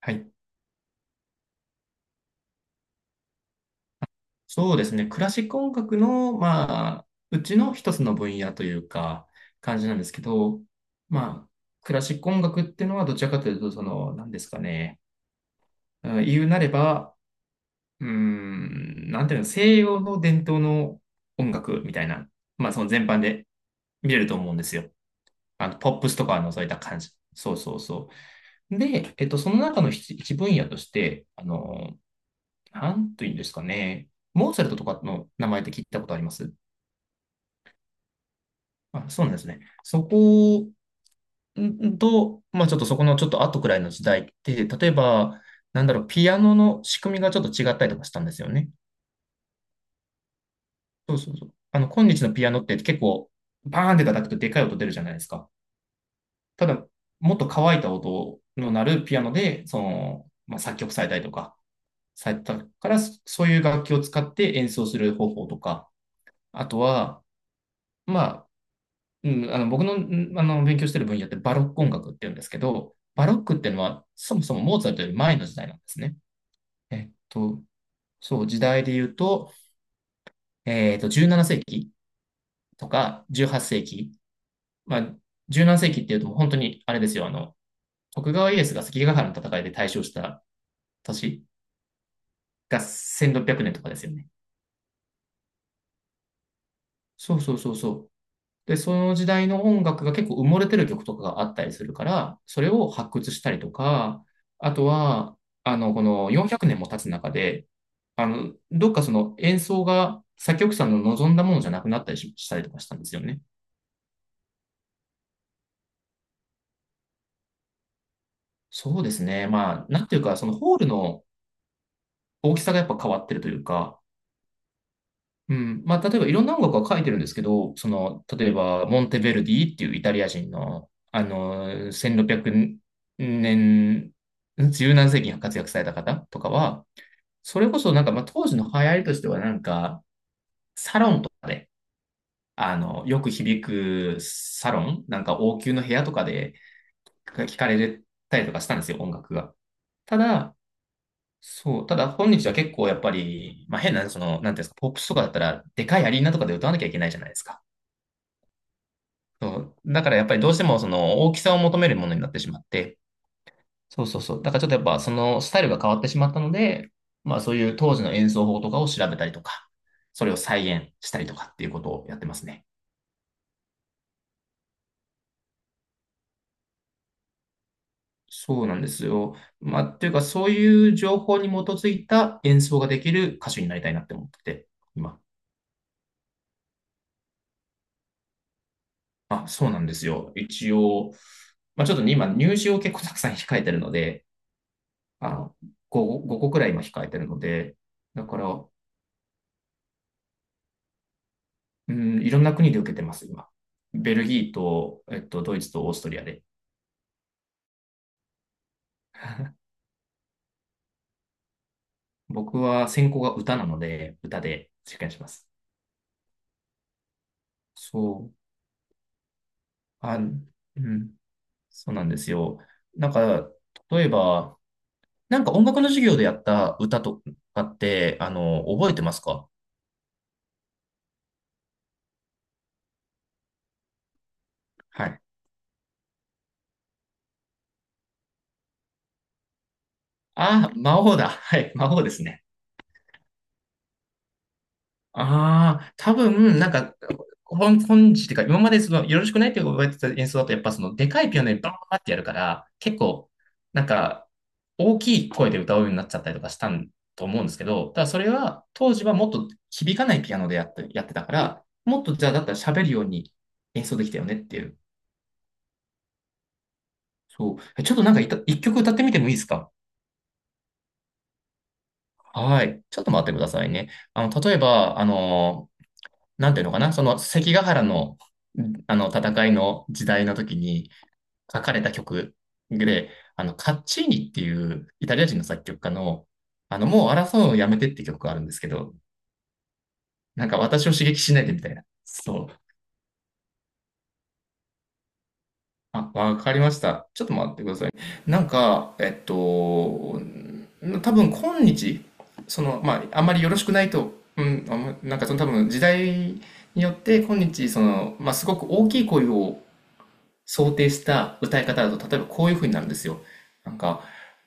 はい。そうですね。クラシック音楽の、まあ、うちの一つの分野というか、感じなんですけど、まあ、クラシック音楽っていうのはどちらかというと、その、何ですかね。うん、言うなれば、うーん、なんていうの、西洋の伝統の音楽みたいな、まあ、その全般で見れると思うんですよ。あの、ポップスとかのそういった感じ。そうそうそう。で、その中の一分野として、あの、なんというんですかね。モーツァルトとかの名前って聞いたことあります？あ、そうなんですね。そこんと、まあちょっとそこのちょっと後くらいの時代って、例えば、なんだろう、ピアノの仕組みがちょっと違ったりとかしたんですよね。そうそうそう。あの、今日のピアノって結構、バーンって叩くとでかい音出るじゃないですか。ただ、もっと乾いた音の鳴るピアノで、その、まあ、作曲されたりとか、されたから、そういう楽器を使って演奏する方法とか、あとは、まあ、うん、あの僕の、勉強してる分野ってバロック音楽って言うんですけど、バロックっていうのはそもそもモーツァルトより前の時代なんですね。えっと、そう、時代で言うと、17世紀とか18世紀。まあ、17世紀っていうと本当にあれですよ、あの、徳川家康が関ヶ原の戦いで大勝した年が1600年とかですよね。そうそうそうそう。で、その時代の音楽が結構埋もれてる曲とかがあったりするから、それを発掘したりとか、あとは、あの、この400年も経つ中で、あの、どっかその演奏が作曲者の望んだものじゃなくなったりしたりとかしたんですよね。そうですね。まあ、なんていうか、そのホールの大きさがやっぱ変わってるというか、うん。まあ、例えばいろんな音楽は書いてるんですけど、その、例えば、モンテヴェルディっていうイタリア人の、あの、1600年、十何世紀に活躍された方とかは、それこそなんか、まあ、当時の流行りとしてはなんか、サロンとかで、あの、よく響くサロン、なんか王宮の部屋とかで聞かれたりとかしたんですよ、音楽が。ただ、そう、ただ本日は結構やっぱり、まあ変な、その、なんていうんですか、ポップスとかだったら、でかいアリーナとかで歌わなきゃいけないじゃないですか。そう。だからやっぱりどうしてもその大きさを求めるものになってしまって、そうそうそう。だからちょっとやっぱそのスタイルが変わってしまったので、まあそういう当時の演奏法とかを調べたりとか、それを再現したりとかっていうことをやってますね。そうなんですよ。まあ、というかそういう情報に基づいた演奏ができる歌手になりたいなって思ってて、今。あ、そうなんですよ。一応、まあちょっとね、今入試を結構たくさん控えてるので、あの、5個くらい今控えてるので、だから、うん、いろんな国で受けてます、今。ベルギーと、ドイツとオーストリアで。僕は専攻が歌なので、歌で受験します。そう。あ、うん。そうなんですよ。なんか、例えば、なんか音楽の授業でやった歌とかって、あの、覚えてますか？はい。あ、魔王だ。はい。魔王ですね。ああ、多分、なんか、本日っていうか、今までその、よろしくないってわれてた演奏だと、やっぱその、でかいピアノでバーってやるから、結構、なんか、大きい声で歌うようになっちゃったりとかしたんと思うんですけど、ただそれは、当時はもっと響かないピアノでやってたから、もっとじゃあ、だったら喋るように演奏できたよねっていう。そう。ちょっとなんか一曲歌ってみてもいいですか？はい。ちょっと待ってくださいね。あの、例えば、あのなんていうのかな、その関ヶ原の、あの戦いの時代の時に書かれた曲で、あの、カッチーニっていうイタリア人の作曲家の、あの、もう争うのをやめてって曲があるんですけど、なんか私を刺激しないでみたいな。そう。あ、わかりました。ちょっと待ってください。なんか、多分今日、その、まあ、あんまりよろしくないと、うん、あんまなんかその多分時代によって今日、その、まあ、すごく大きい声を想定した歌い方だと、例えばこういう風になるんですよ。なんか、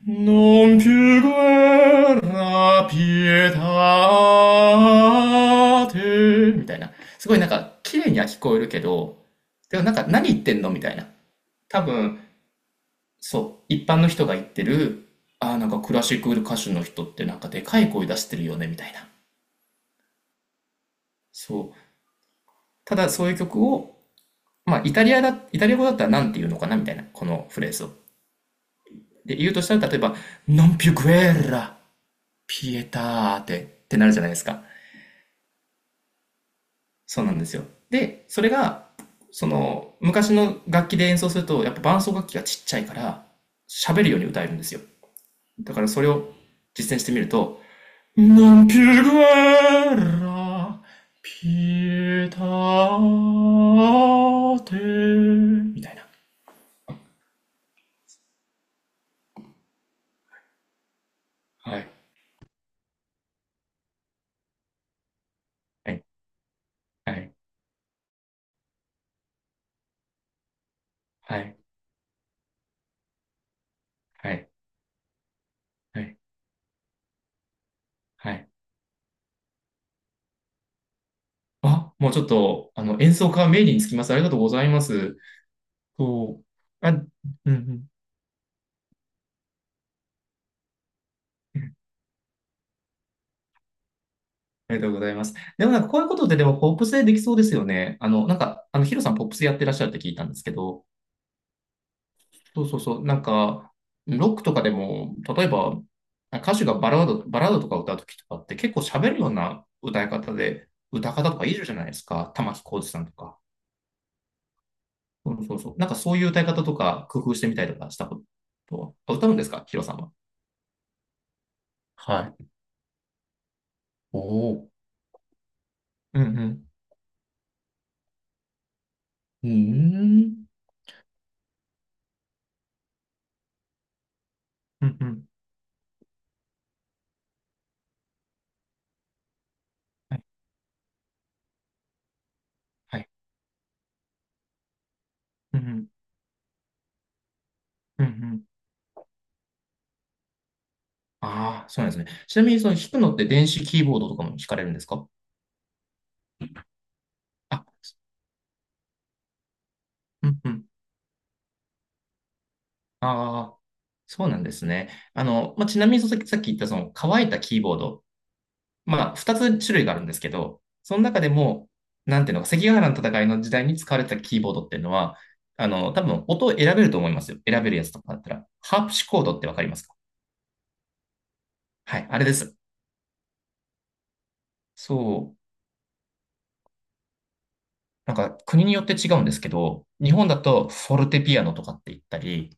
Non più guerra pietate みたいな。すごいなんか、綺麗には聞こえるけど、でもなんか、何言ってんのみたいな。多分、そう、一般の人が言ってる、ああ、なんかクラシック歌手の人ってなんかでかい声出してるよね、みたいな。そう。ただそういう曲を、まあ、イタリア語だったら何て言うのかなみたいな、このフレーズを。で、言うとしたら、例えば、Non più guerra, pietate ってなるじゃないですか。そうなんですよ。で、それが、その、昔の楽器で演奏すると、やっぱ伴奏楽器がちっちゃいから、喋るように歌えるんですよ。だからそれを実践してみると、Non più guerra, pietate みたいな。はい、はい、はい、はい、はい、はい。はい。あ、もうちょっと、あの、演奏家名義につきます。ありがとうございます。そう。あ、うんうん。ありがとうございます。でもなんかこういうことってでもポップスでできそうですよね。あの、なんか、あの、ヒロさんポップスやってらっしゃるって聞いたんですけど、そうそうそう、なんか、ロックとかでも、例えば、歌手がバラードとか歌うときとかって結構喋るような歌い方で、歌方とかいるじゃないですか。玉置浩二さんとか。そうそうそう。なんかそういう歌い方とか工夫してみたりとかしたことは、あ、歌うんですかヒロさんは？はい。おお。うんうん。ーうーん。うんうん。はい。はい。うんうん。うんうん。ああ、そうなんですね。ちなみに、その弾くのって電子キーボードとかも弾かれるんですか？あ、うんうん。ああ、そうなんですね。あの、まあ、ちなみに、さっき言ったその乾いたキーボード。まあ、二つ種類があるんですけど、その中でも、なんていうのか、関ヶ原の戦いの時代に使われてたキーボードっていうのは、あの、多分音を選べると思いますよ。選べるやつとかだったら。ハープシコードってわかりますか？はい、あれです。そう。なんか国によって違うんですけど、日本だとフォルテピアノとかって言ったり、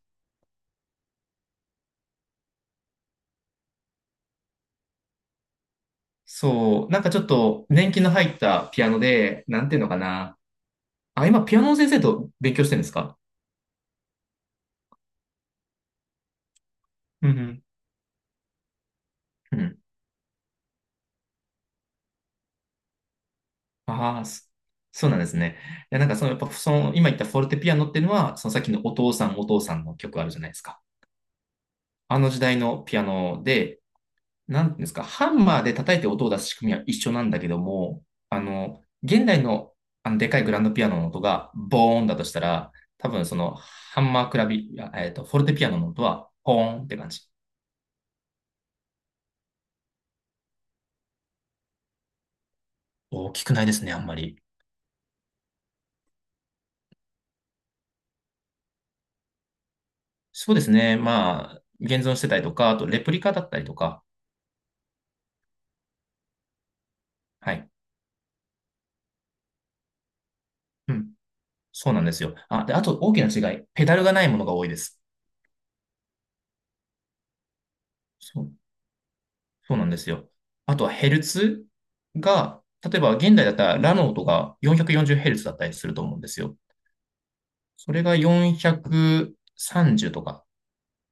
そう、なんかちょっと年季の入ったピアノで、なんていうのかな。あ、今ピアノの先生と勉強してるんですか？うんうん。うん。ああ、そうなんですね。いや、なんかその、やっぱその、今言ったフォルテピアノっていうのは、そのさっきのお父さんお父さんの曲あるじゃないですか。あの時代のピアノで、なんていうんですか、ハンマーで叩いて音を出す仕組みは一緒なんだけども、あの、現代の、あのでかいグランドピアノの音がボーンだとしたら、多分そのハンマークラビ、あ、フォルテピアノの音はポーンって感じ。大きくないですね、あんまり。そうですね。まあ、現存してたりとか、あとレプリカだったりとか。はい。うん。そうなんですよ。あ、で、あと大きな違い。ペダルがないものが多いです。そうそうなんですよ。あとはヘルツが、例えば現代だったらラノートが4 4 0ルツだったりすると思うんですよ。それが430とか、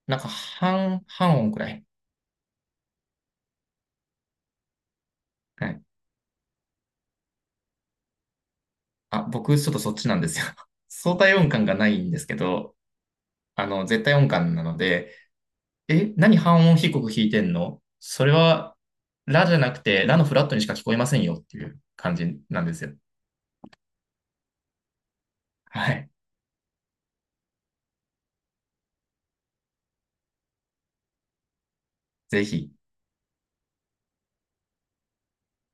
なんか半音くらい。はい。あ、僕ちょっとそっちなんですよ。相対音感がないんですけど、あの、絶対音感なので、え、何半音低く弾いてんのそれは、ラじゃなくて、ラのフラットにしか聞こえませんよっていう感じなんですよ。はい。ぜひ。